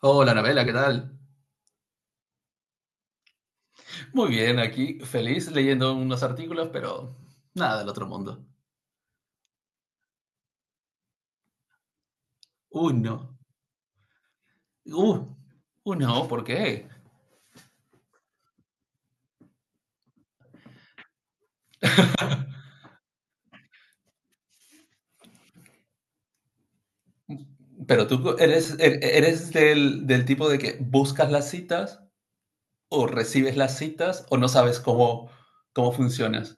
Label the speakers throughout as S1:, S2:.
S1: Hola, Anabela, ¿qué tal? Muy bien, aquí feliz leyendo unos artículos, pero nada del otro mundo. Uno. Uh, uno, ¿por qué? Pero tú eres, eres del tipo de que buscas las citas o recibes las citas o no sabes cómo, cómo funcionas.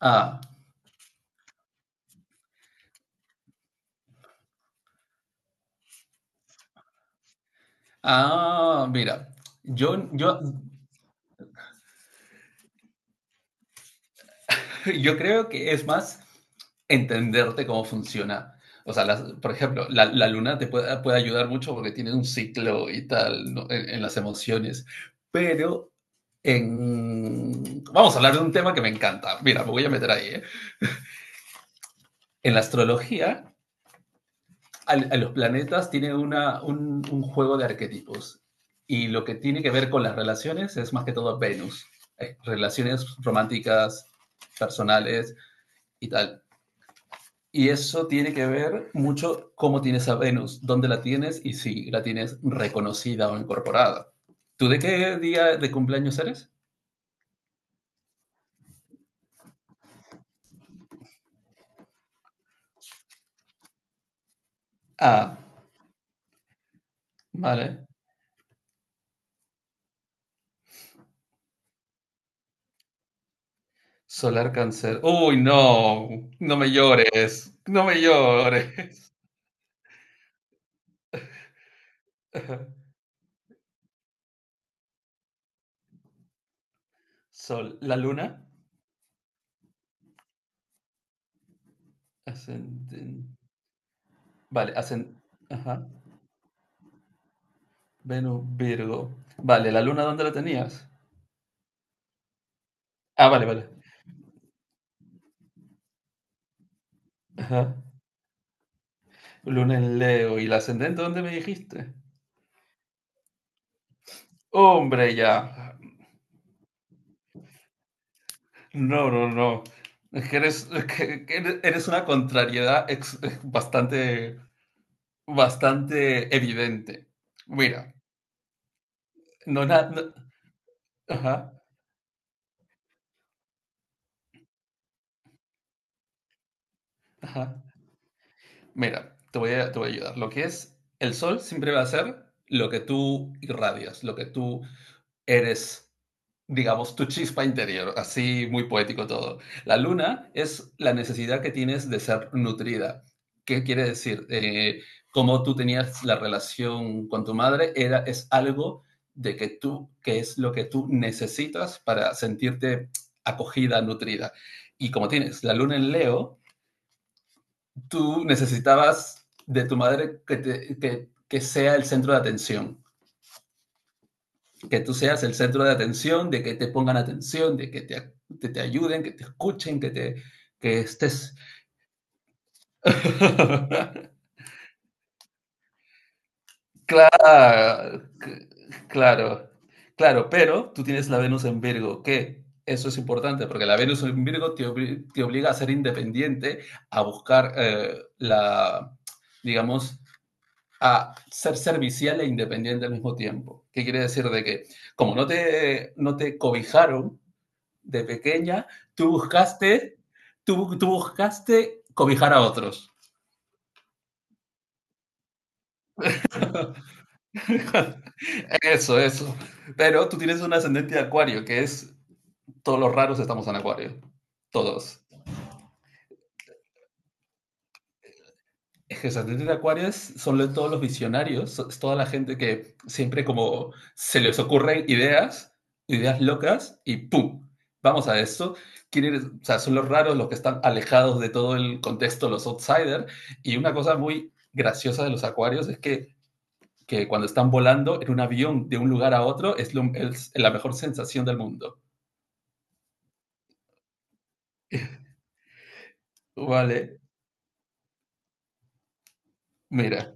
S1: Ah, ah, mira, yo, yo, Yo creo que es más entenderte cómo funciona. O sea, por ejemplo, la luna te puede, puede ayudar mucho porque tiene un ciclo y tal, ¿no? En las emociones. Pero en... Vamos a hablar de un tema que me encanta. Mira, me voy a meter ahí, ¿eh? En la astrología, a los planetas tienen una, un juego de arquetipos. Y lo que tiene que ver con las relaciones es más que todo Venus. Relaciones románticas, personales y tal. Y eso tiene que ver mucho cómo tienes a Venus, dónde la tienes y si la tienes reconocida o incorporada. ¿Tú de qué día de cumpleaños eres? Ah, vale. Solar Cáncer. Uy, no, no me llores, no me llores. Sol, la luna. Ascenden- Vale, ascend... Ajá. Venus, Virgo. Vale, ¿la luna dónde la tenías? Ah, vale, vale. Ajá. Luna en Leo. ¿Y la ascendente dónde me dijiste? Hombre, ya. No, no, no. Es que eres, que eres una contrariedad bastante, bastante evidente. Mira, no, no-, ajá, ajá. Mira, te voy a ayudar. Lo que es el sol siempre va a ser lo que tú irradias, lo que tú eres, digamos, tu chispa interior, así muy poético todo. La luna es la necesidad que tienes de ser nutrida. ¿Qué quiere decir? Como tú tenías la relación con tu madre, era, es algo de que tú, que es lo que tú necesitas para sentirte acogida, nutrida. Y como tienes la luna en Leo, tú necesitabas de tu madre que, te, que sea el centro de atención, que tú seas el centro de atención, de que te pongan atención, de que te ayuden, que te escuchen, que, te, que estés... claro, claro, claro, pero tú tienes la Venus en Virgo, que eso es importante, porque la Venus en Virgo te, obli te obliga a ser independiente, a buscar la, digamos, a ser servicial e independiente al mismo tiempo. ¿Qué quiere decir de que como no te, no te cobijaron, de pequeña, tú buscaste, tú buscaste cobijar a otros. eso, eso. Pero tú tienes un ascendente de acuario, que es, todos los raros estamos en acuario, todos. Es que los ascendentes de acuario son todos los visionarios, es toda la gente que siempre como se les ocurren ideas, ideas locas, y ¡pum! Vamos a esto. Quieren- o sea, son los raros los que están alejados de todo el contexto, los outsiders. Y una cosa muy graciosa de los acuarios es que cuando están volando en un avión de un lugar a otro es, lo, es la mejor sensación del mundo. Vale, mira,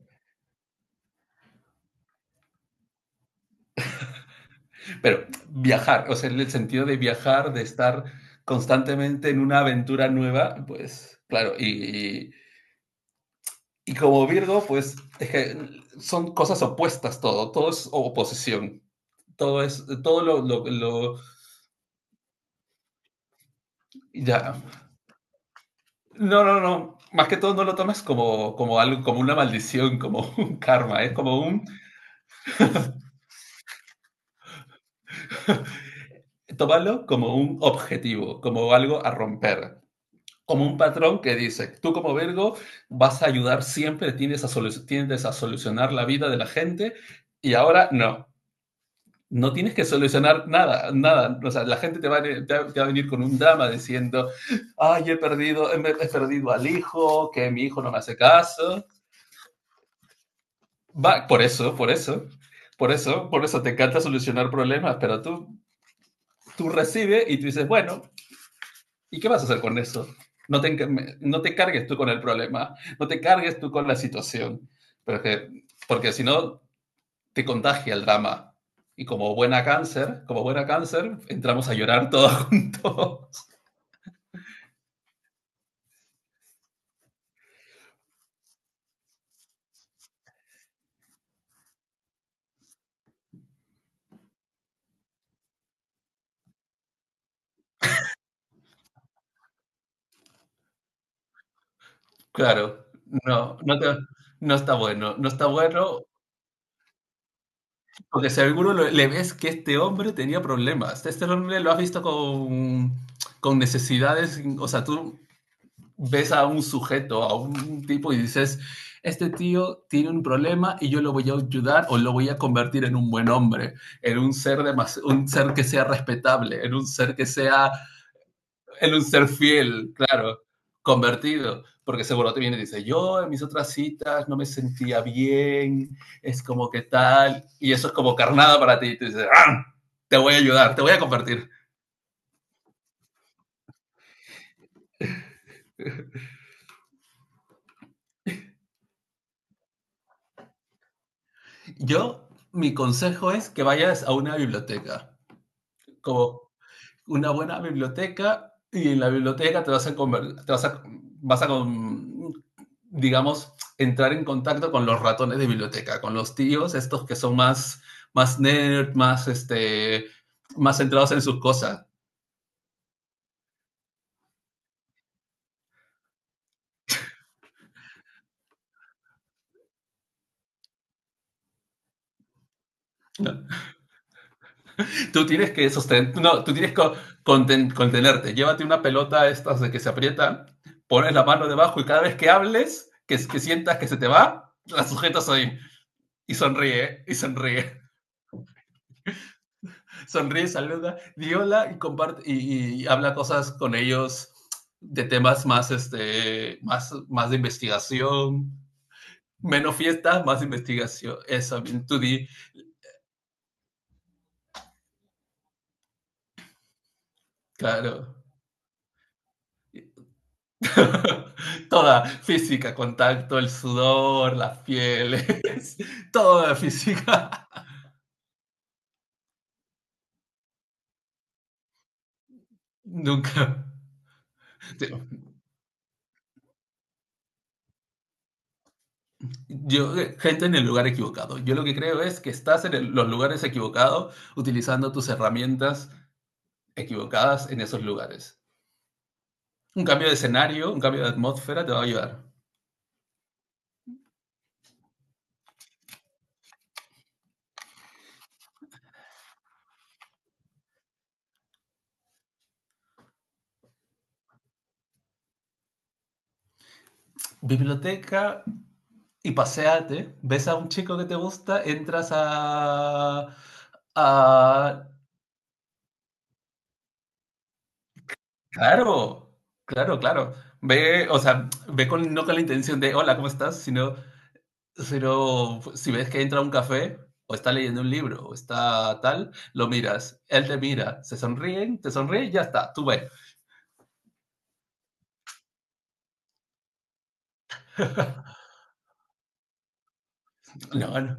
S1: pero viajar, o sea, en el sentido de viajar, de estar constantemente en una aventura nueva, pues claro, y, como Virgo, pues es que son cosas opuestas todo, todo es oposición, todo es, todo lo ya, no, no, no, más que todo no lo tomes como, como algo, como una maldición, como un karma, es ¿eh? Como un, tómalo como un objetivo, como algo a romper, como un patrón que dice, tú como Virgo vas a ayudar siempre, tiendes a, tiendes a solucionar la vida de la gente y ahora no. No tienes que solucionar nada, nada. O sea, la gente te va, a, te va a venir con un drama diciendo, ay, he perdido, he perdido al hijo, que mi hijo no me hace caso. Va, por eso, por eso, por eso, por eso te encanta solucionar problemas, pero tú recibes y tú dices, bueno, ¿y qué vas a hacer con eso? No te, no te cargues tú con el problema, no te cargues tú con la situación, pero que, porque si no te contagia el drama. Y como buena cáncer, entramos a llorar todos juntos. Claro, no, no, te, no está bueno, no está bueno, porque seguro le ves que este hombre tenía problemas. Este hombre lo has visto con necesidades, o sea, tú ves a un sujeto, a un tipo y dices, este tío tiene un problema y yo lo voy a ayudar o lo voy a convertir en un buen hombre, en un ser, de más, un ser que sea respetable, en un ser que sea, en un ser fiel, claro, convertido. Porque seguro te viene y dice, yo en mis otras citas no me sentía bien, es como que tal, y eso es como carnada para ti, y te dices, ¡ah! Te voy a ayudar, te voy a convertir. Yo, mi consejo es que vayas a una biblioteca, como una buena biblioteca, y en la biblioteca te vas a, te vas a, vas a digamos, entrar en contacto con los ratones de biblioteca, con los tíos, estos que son más, más nerd, más, este, más centrados en sus cosas. Tú tienes que sostener, no, tú tienes que contenerte. Llévate una pelota estas de que se aprieta, pones la mano debajo y cada vez que hables, que sientas que se te va, la sujetas ahí y sonríe, y sonríe. Sonríe, saluda, di hola y comparte y habla cosas con ellos de temas más, este, más, más de investigación, menos fiesta, más investigación. Eso, bien, tú di, claro. Toda física, contacto, el sudor, las pieles, toda la física. Nunca. Yo, gente en el lugar equivocado. Yo lo que creo es que estás en los lugares equivocados utilizando tus herramientas equivocadas en esos lugares. Un cambio de escenario, un cambio de atmósfera te va a ayudar. Biblioteca y paseate, ves a un chico que te gusta, entras a... Claro, claro, claro. Ve, o sea, ve con, no con la intención de, hola, ¿cómo estás? Sino, sino si ves que entra a un café, o está leyendo un libro, o está tal, lo miras, él te mira, se sonríen, te sonríe y ya está, tú ves. No, no,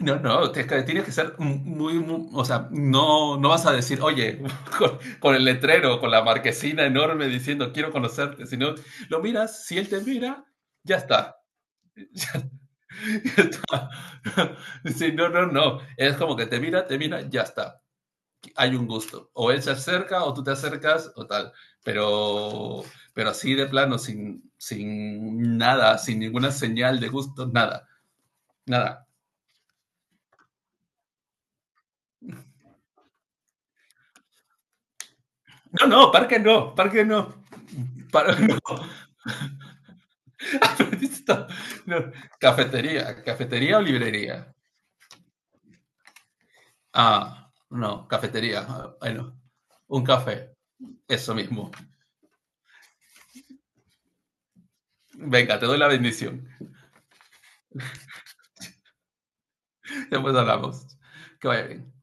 S1: no, no, tienes que ser muy, o sea, no, no vas a decir, oye, con el letrero, con la marquesina enorme diciendo, quiero conocerte, sino lo miras, si él te mira, ya está. Sí, no, no, no, es como que te mira, ya está, hay un gusto. O él se acerca, o tú te acercas, o tal, pero, pero así de plano, sin, sin nada, sin ninguna señal de gusto, nada, nada. No, no, parque no, parque no. Par- No, cafetería, cafetería o librería. Ah, no, cafetería. Ah, bueno, un café, eso mismo. Venga, te doy la bendición. Después hablamos. Que vaya bien.